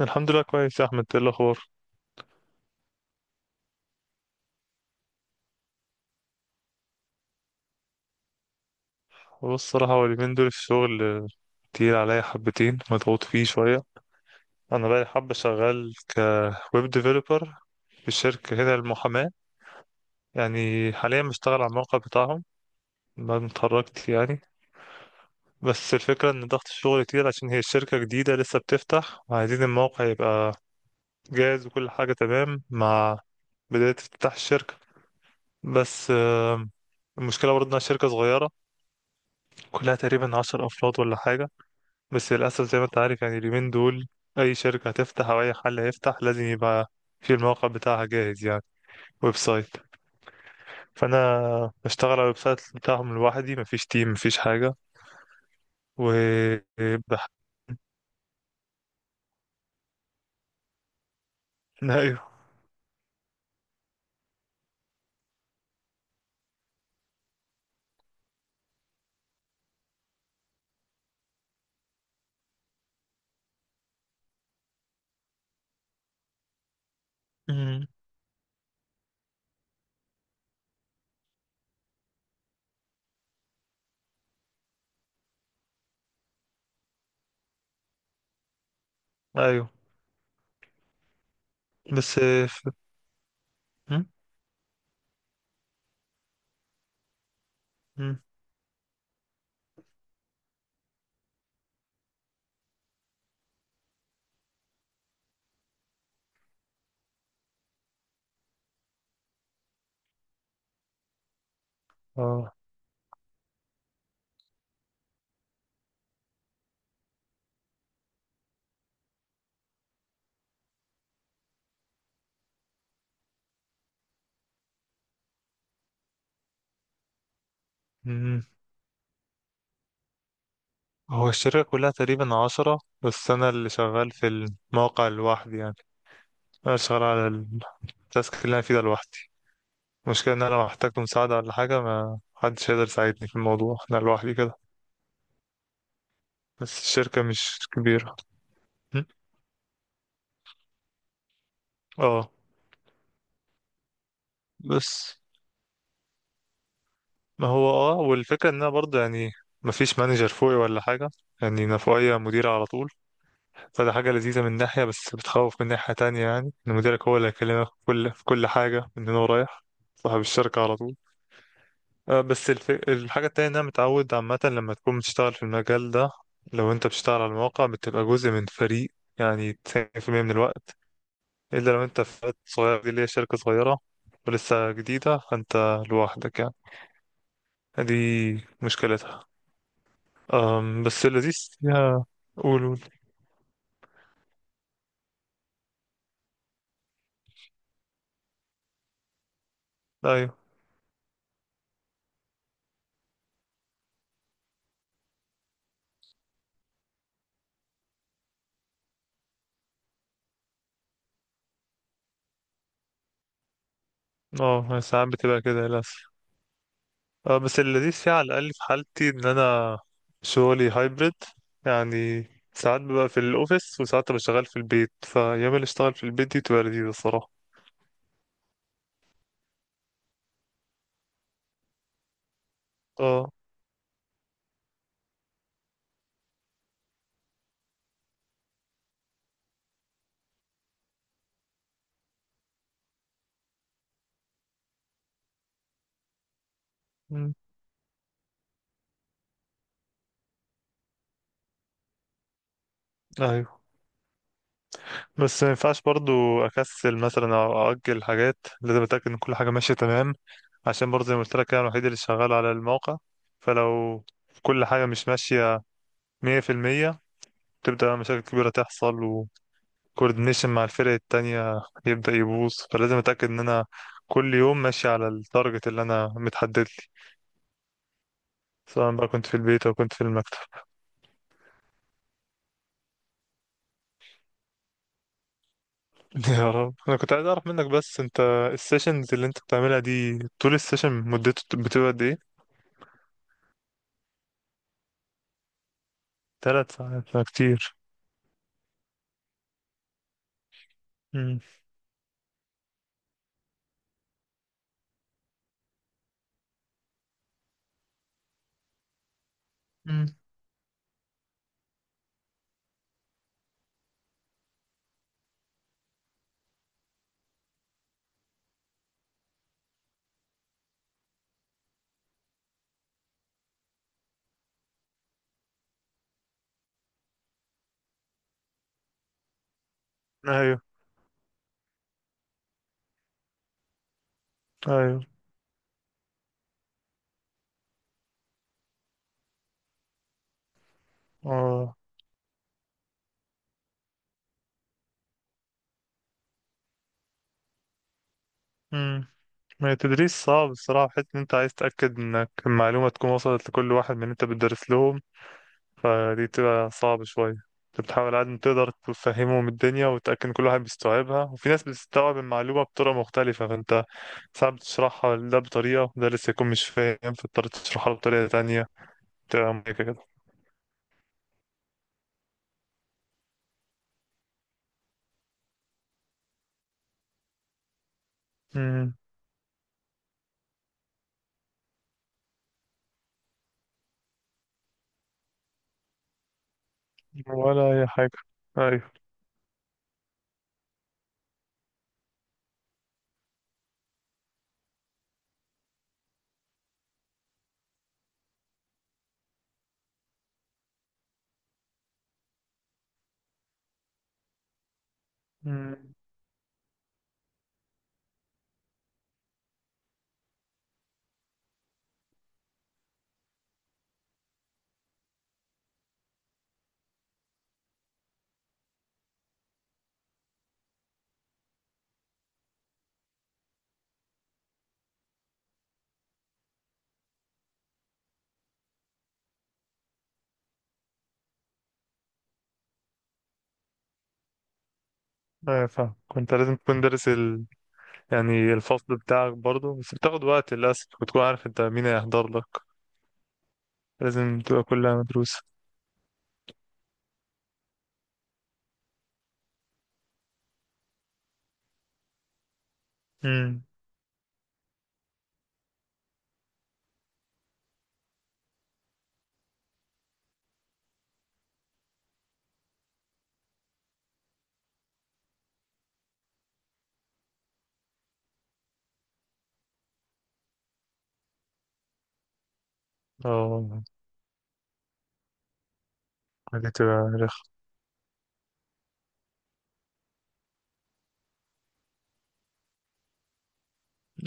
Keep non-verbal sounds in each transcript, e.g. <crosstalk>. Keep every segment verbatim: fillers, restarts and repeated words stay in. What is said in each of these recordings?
الحمد لله كويس يا احمد، ايه الاخبار؟ بص، الصراحه هو اليومين دول الشغل آه، تقيل عليا حبتين، مضغوط فيه شويه. انا بقى حبه شغال كويب ديفلوبر في شركه هنا المحاماه، يعني حاليا بشتغل على الموقع بتاعهم بعد ما اتخرجت يعني. بس الفكره ان ضغط الشغل كتير عشان هي الشركه جديده لسه بتفتح وعايزين الموقع يبقى جاهز وكل حاجه تمام مع بدايه افتتاح الشركه. بس آه، المشكله برضه انها شركه صغيره، كلها تقريبا عشر افراد ولا حاجه. بس للأسف زي ما أنت عارف يعني اليومين دول أي شركة هتفتح أو أي حل هيفتح لازم يبقى في الموقع بتاعها جاهز، يعني ويب سايت. فأنا بشتغل على الويب سايت بتاعهم لوحدي، مفيش تيم مفيش حاجة. و بح... <laughs> أيوه. أمم، أيوه. بس ف... أمم، أمم، آه. أمم. هو الشركة كلها تقريبا عشرة، بس أنا اللي شغال في الموقع لوحدي يعني. أنا شغال على التاسك اللي أنا فيه ده لوحدي. المشكلة إن أنا لو احتجت مساعدة ولا حاجة ما حدش هيقدر يساعدني في الموضوع، أنا لوحدي كده. بس الشركة مش كبيرة. م? اه. بس ما هو اه، والفكرة إن أنا برضه يعني مفيش مانجر فوقي ولا حاجة، يعني أنا فوقيا مدير على طول. فده حاجة لذيذة من ناحية بس بتخوف من ناحية تانية، يعني إن مديرك هو اللي هيكلمك في كل في كل حاجة من هنا ورايح، صاحب الشركة على طول. آه، بس الف... الحاجة التانية إن أنا متعود عامة لما تكون بتشتغل في المجال ده، لو أنت بتشتغل على المواقع بتبقى جزء من فريق يعني تسعين في المئة من الوقت، إلا لو أنت في فريق صغير، دي اللي هي شركة صغيرة ولسه جديدة فأنت لوحدك يعني، دي مشكلتها. أم، بس اللذيذ فيها. قول قول. أيوه. اه ساعات بتبقى كده للأسف. آه، بس اللذيذ فيها على الأقل في حالتي إن أنا شغلي هايبرد، يعني ساعات ببقى في الأوفيس وساعات ببقى شغال في البيت، فأيام اللي أشتغل في البيت دي تبقى لذيذة الصراحة. اه. مم. أيوه. بس ما ينفعش برضو أكسل مثلا أو أأجل حاجات، لازم أتأكد إن كل حاجة ماشية تمام، عشان برضو زي ما قلت لك أنا الوحيد اللي شغال على الموقع. فلو كل حاجة مش ماشية مية في المية تبدأ مشاكل كبيرة تحصل، كوردينيشن مع الفرق التانية يبدأ يبوظ، فلازم أتأكد إن أنا كل يوم ماشي على التارجت اللي أنا متحدد لي، سواء بقى كنت في البيت أو كنت في المكتب. <laughs> يا رب. أنا كنت عايز أعرف منك، بس أنت السيشنز اللي أنت بتعملها دي طول السيشن مدته بتبقى قد إيه؟ تلات ساعات فكتير. مم. مم. أيوه. أيوه. أه. مم. ما هي التدريس صعب الصراحة، حيث إن أنت عايز تتأكد إنك المعلومة تكون وصلت لكل واحد من اللي أنت بتدرس له، فدي بتبقى صعبة شوية. انت بتحاول على قد ما تقدر تفهمهم الدنيا وتأكد إن كل واحد بيستوعبها، وفي ناس بتستوعب المعلومة بطرق مختلفة، فانت ساعات بتشرحها ده بطريقة وده لسه يكون مش فاهم فاضطر تشرحها له بطريقة تانية، بتبقى مميكة كده. مم. ولا أي حاجة. أيوة. مم. أيوة فاهم، كنت لازم تكون دارس ال... يعني الفصل بتاعك برضه، بس بتاخد وقت للأسف وتكون عارف انت مين هيحضر لك، لازم تبقى كلها مدروسة. مم. اه دي تبقى رخ.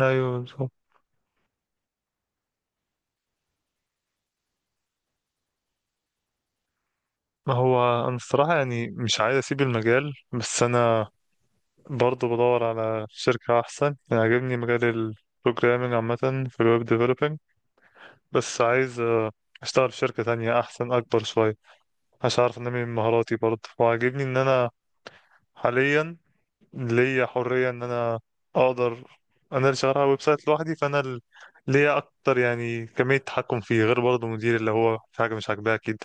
أيوة. ما هو أنا الصراحة يعني مش عايز أسيب المجال، بس أنا برضه بدور على شركة أحسن. يعني عاجبني مجال ال programming عامة، في الويب developing، بس عايز آه، أشتغل في شركة تانية أحسن أكبر شوية عشان أعرف أنمي من مهاراتي برضه. وعاجبني إن أنا حاليا ليا حرية إن أنا أقدر، أنا اللي شغال على ويب سايت لوحدي، فأنا ال- ليا أكتر يعني كمية تحكم فيه، غير برضه مدير اللي هو في حاجة مش عاجباه أكيد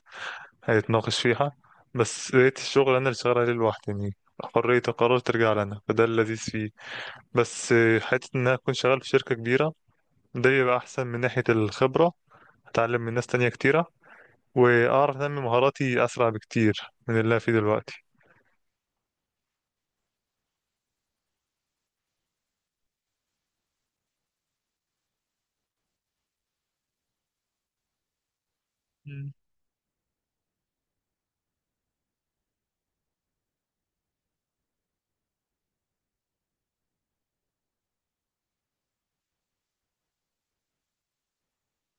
هيتناقش فيها. بس لقيت الشغل انا اللي شغال عليه لوحدي، يعني حرية القرار ترجع لنا، فده اللذيذ فيه. بس آه، حتة ان انا اكون شغال في شركة كبيرة ده بيبقى احسن من ناحية الخبرة، اتعلم من ناس تانية كتيرة واعرف انمي مهاراتي اسرع بكتير من اللي انا فيه دلوقتي. مم.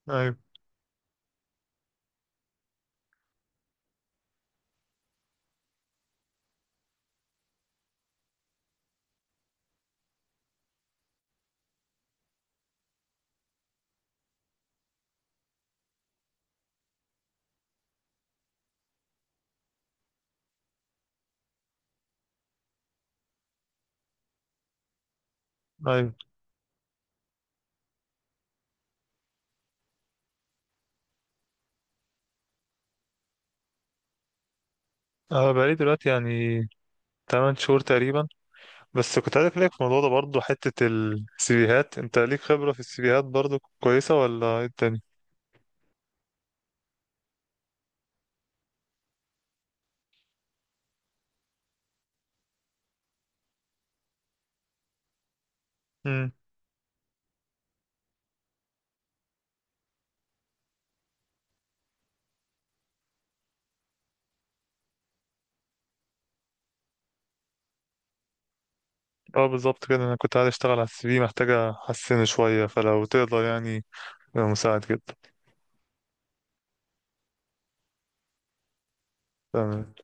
ايوه ايوه. انا بقالي دلوقتي يعني تمانية شهور تقريبا. بس كنت عايز اسالك في الموضوع ده برضه، حتة السيفيهات، انت ليك خبرة في السيفيهات برضه كويسة ولا ايه الدنيا؟ اه بالظبط كده، انا كنت عايز اشتغل على السي في، محتاجة احسنه شوية، فلو تقدر يعني يبقى مساعد جدا. تمام.